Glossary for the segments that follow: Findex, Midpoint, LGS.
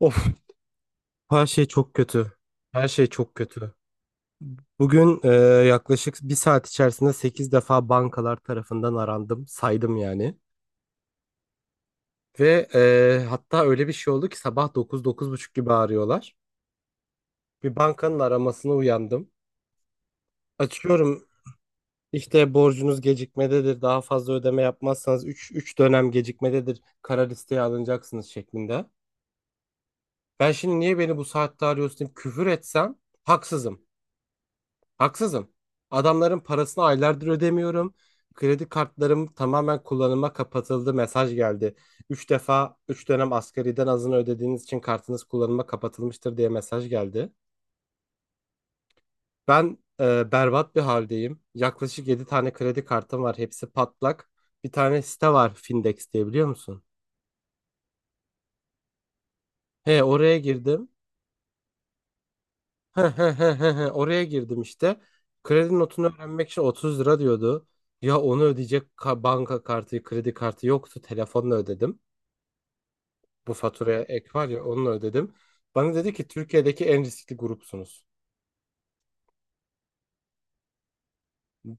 Of, her şey çok kötü. Her şey çok kötü. Bugün yaklaşık bir saat içerisinde 8 defa bankalar tarafından arandım. Saydım yani. Ve hatta öyle bir şey oldu ki sabah 9-9:30 gibi arıyorlar. Bir bankanın aramasına uyandım. Açıyorum, işte borcunuz gecikmededir. Daha fazla ödeme yapmazsanız üç dönem gecikmededir. Kara listeye alınacaksınız şeklinde. Ben şimdi niye beni bu saatte arıyorsun deyip küfür etsem haksızım. Haksızım. Adamların parasını aylardır ödemiyorum. Kredi kartlarım tamamen kullanıma kapatıldı. Mesaj geldi. 3 defa 3 dönem asgariden azını ödediğiniz için kartınız kullanıma kapatılmıştır diye mesaj geldi. Ben berbat bir haldeyim. Yaklaşık 7 tane kredi kartım var. Hepsi patlak. Bir tane site var, Findex diye, biliyor musun? He, oraya girdim. He he he he he. Oraya girdim işte. Kredi notunu öğrenmek için 30 lira diyordu. Ya onu ödeyecek banka kartı, kredi kartı yoktu. Telefonla ödedim. Bu faturaya ek var ya, onunla ödedim. Bana dedi ki Türkiye'deki en riskli grupsunuz.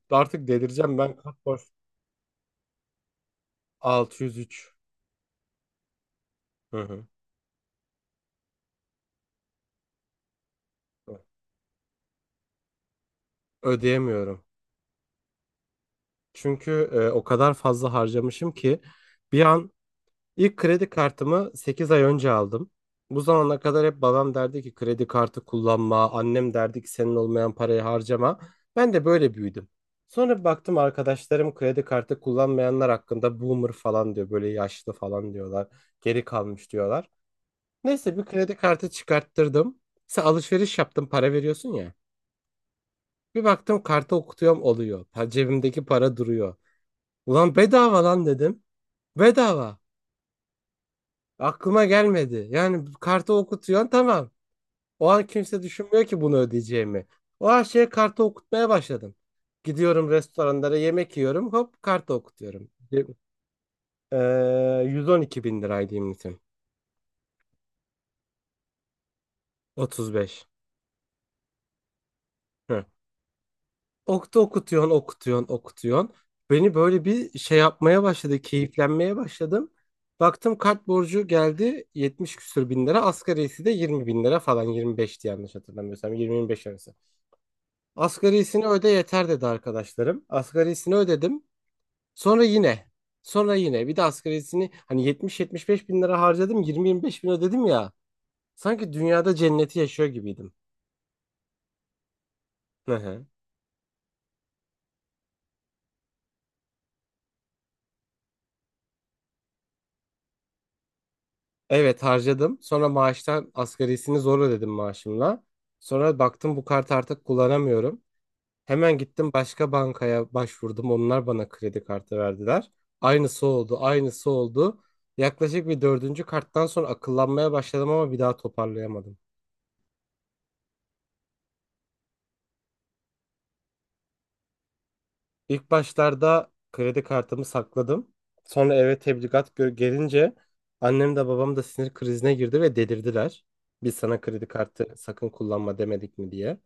Artık delireceğim ben, kat borç. 603. Hı hı. Ödeyemiyorum. Çünkü o kadar fazla harcamışım ki bir an. İlk kredi kartımı 8 ay önce aldım. Bu zamana kadar hep babam derdi ki kredi kartı kullanma, annem derdi ki senin olmayan parayı harcama. Ben de böyle büyüdüm. Sonra bir baktım arkadaşlarım kredi kartı kullanmayanlar hakkında boomer falan diyor, böyle yaşlı falan diyorlar, geri kalmış diyorlar. Neyse bir kredi kartı çıkarttırdım. Mesela alışveriş yaptım, para veriyorsun ya. Bir baktım kartı okutuyorum oluyor. Cebimdeki para duruyor. Ulan bedava lan dedim. Bedava. Aklıma gelmedi. Yani kartı okutuyorsun, tamam. O an kimse düşünmüyor ki bunu ödeyeceğimi. O an şey kartı okutmaya başladım. Gidiyorum restoranlara, yemek yiyorum. Hop kartı okutuyorum. Ee, 112 bin liraydı limitim. 35. Hı. Okutuyorsun okutuyorsun okutuyorsun. Beni böyle bir şey yapmaya başladı. Keyiflenmeye başladım. Baktım kart borcu geldi 70 küsür bin lira. Asgarisi de 20 bin lira falan, 25'ti yanlış hatırlamıyorsam. 20-25 arası. Asgarisini öde yeter dedi arkadaşlarım. Asgarisini ödedim. Sonra yine. Sonra yine. Bir de asgarisini, hani 70-75 bin lira harcadım. 20-25 bin ödedim ya. Sanki dünyada cenneti yaşıyor gibiydim. Hı hı. Evet, harcadım. Sonra maaştan asgarisini zor ödedim maaşımla. Sonra baktım bu kartı artık kullanamıyorum. Hemen gittim başka bankaya başvurdum. Onlar bana kredi kartı verdiler. Aynısı oldu, aynısı oldu. Yaklaşık bir dördüncü karttan sonra akıllanmaya başladım ama bir daha toparlayamadım. İlk başlarda kredi kartımı sakladım. Sonra eve tebligat gelince annem de babam da sinir krizine girdi ve delirdiler. Biz sana kredi kartı sakın kullanma demedik mi diye.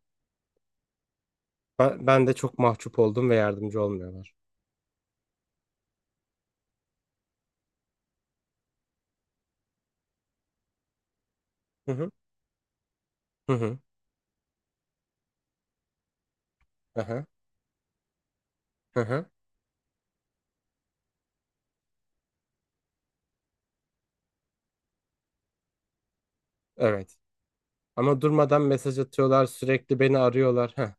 Ben de çok mahcup oldum ve yardımcı olmuyorlar. Hı hı. Hı hı. Aha. Hı hı. Evet. Ama durmadan mesaj atıyorlar, sürekli beni arıyorlar. Heh.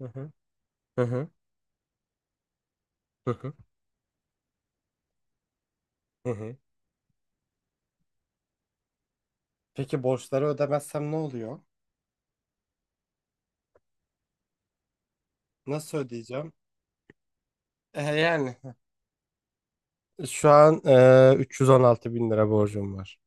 Hı hı. Hı hı. Hı hı. Hı hı. Peki borçları ödemezsem ne oluyor? Nasıl ödeyeceğim? E yani. Şu an 316 bin lira borcum var.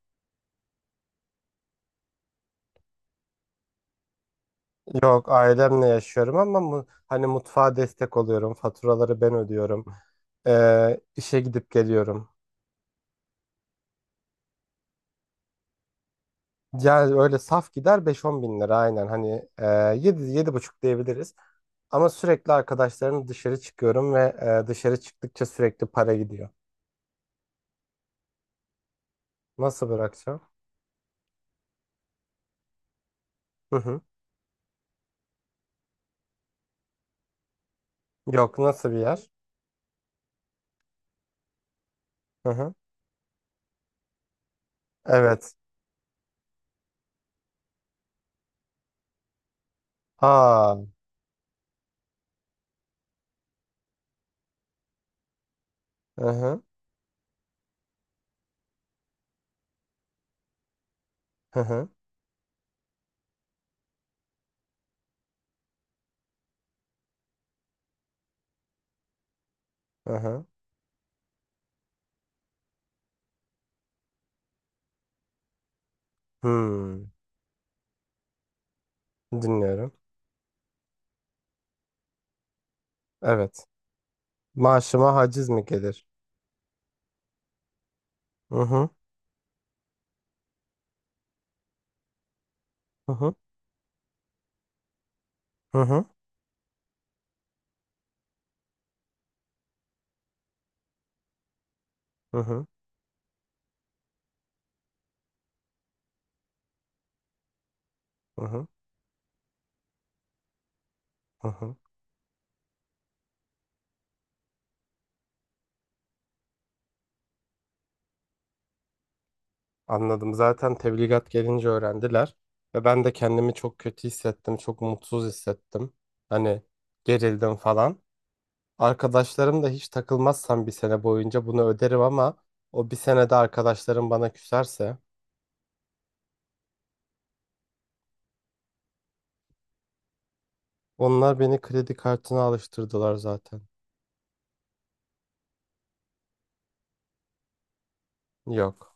Yok, ailemle yaşıyorum ama hani mutfağa destek oluyorum. Faturaları ben ödüyorum. İşe gidip geliyorum. Yani öyle saf gider 5-10 bin lira aynen. Hani 7, buçuk diyebiliriz. Ama sürekli arkadaşlarım dışarı çıkıyorum ve dışarı çıktıkça sürekli para gidiyor. Nasıl bırakacağım? Hı hı. Yok, nasıl bir yer? Hı hı. Evet. Aa. Hı hı. Hı hı. Hı hı. Hmm. Dinliyorum. Evet. Maaşıma haciz mi gelir? Hı hı. Hı hı. Hı hı. Hı hı. Hı hı. Hı hı. Anladım. Zaten tebligat gelince öğrendiler ve ben de kendimi çok kötü hissettim, çok mutsuz hissettim. Hani gerildim falan. Arkadaşlarım da hiç takılmazsam bir sene boyunca bunu öderim ama o bir senede arkadaşlarım bana küserse onlar beni kredi kartına alıştırdılar zaten. Yok.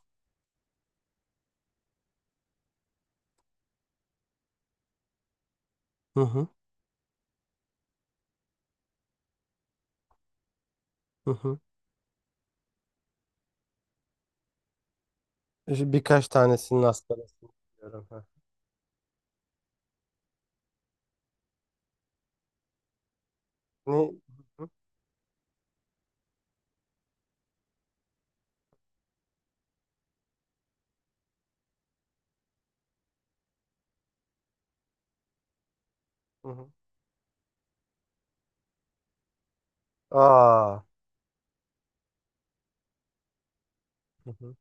Hı hı. Hı hı. İşte birkaç tanesinin astarasını biliyorum. Hı. Ne? Hı hı. Hı hı. Aa. Hı hı.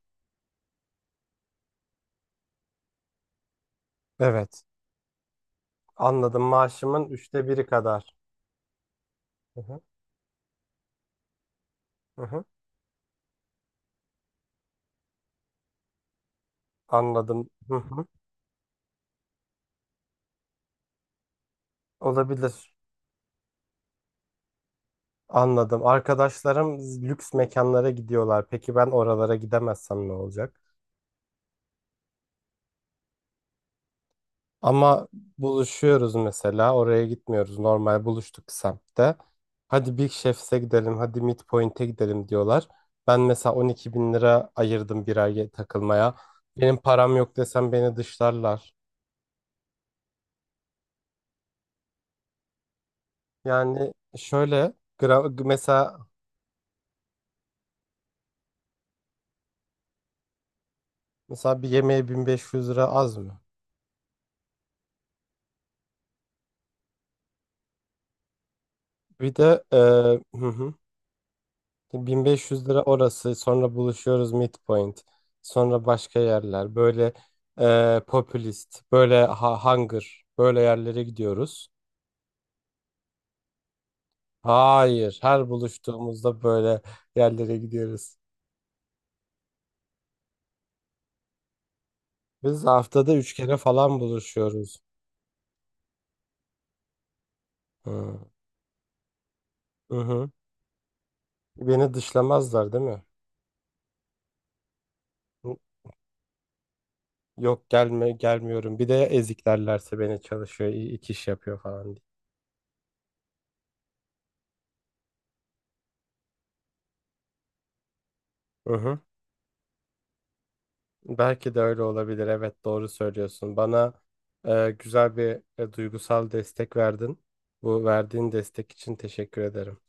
Evet. Anladım. Maaşımın üçte biri kadar. Hı hı. Hı hı. Anladım. Hı hı. Olabilir. Anladım. Arkadaşlarım lüks mekanlara gidiyorlar. Peki ben oralara gidemezsem ne olacak? Ama buluşuyoruz mesela. Oraya gitmiyoruz. Normal buluştuk semtte. Hadi Big Chef's'e gidelim. Hadi Midpoint'e gidelim diyorlar. Ben mesela 12 bin lira ayırdım bir ay takılmaya. Benim param yok desem beni dışlarlar. Yani şöyle, gra- mesela mesela bir yemeğe 1500 lira az mı? Bir de hı hı, 1500 lira orası, sonra buluşuyoruz midpoint, sonra başka yerler, böyle popülist böyle hunger böyle yerlere gidiyoruz. Hayır, her buluştuğumuzda böyle yerlere gidiyoruz. Biz haftada 3 kere falan buluşuyoruz. Hı hı. Hı. Beni dışlamazlar değil mi? Yok, gelmiyorum. Bir de ezik derlerse beni, çalışıyor, iki iş yapıyor falan diye. Hı hı. Belki de öyle olabilir. Evet, doğru söylüyorsun. Bana güzel bir duygusal destek verdin. Bu verdiğin destek için teşekkür ederim.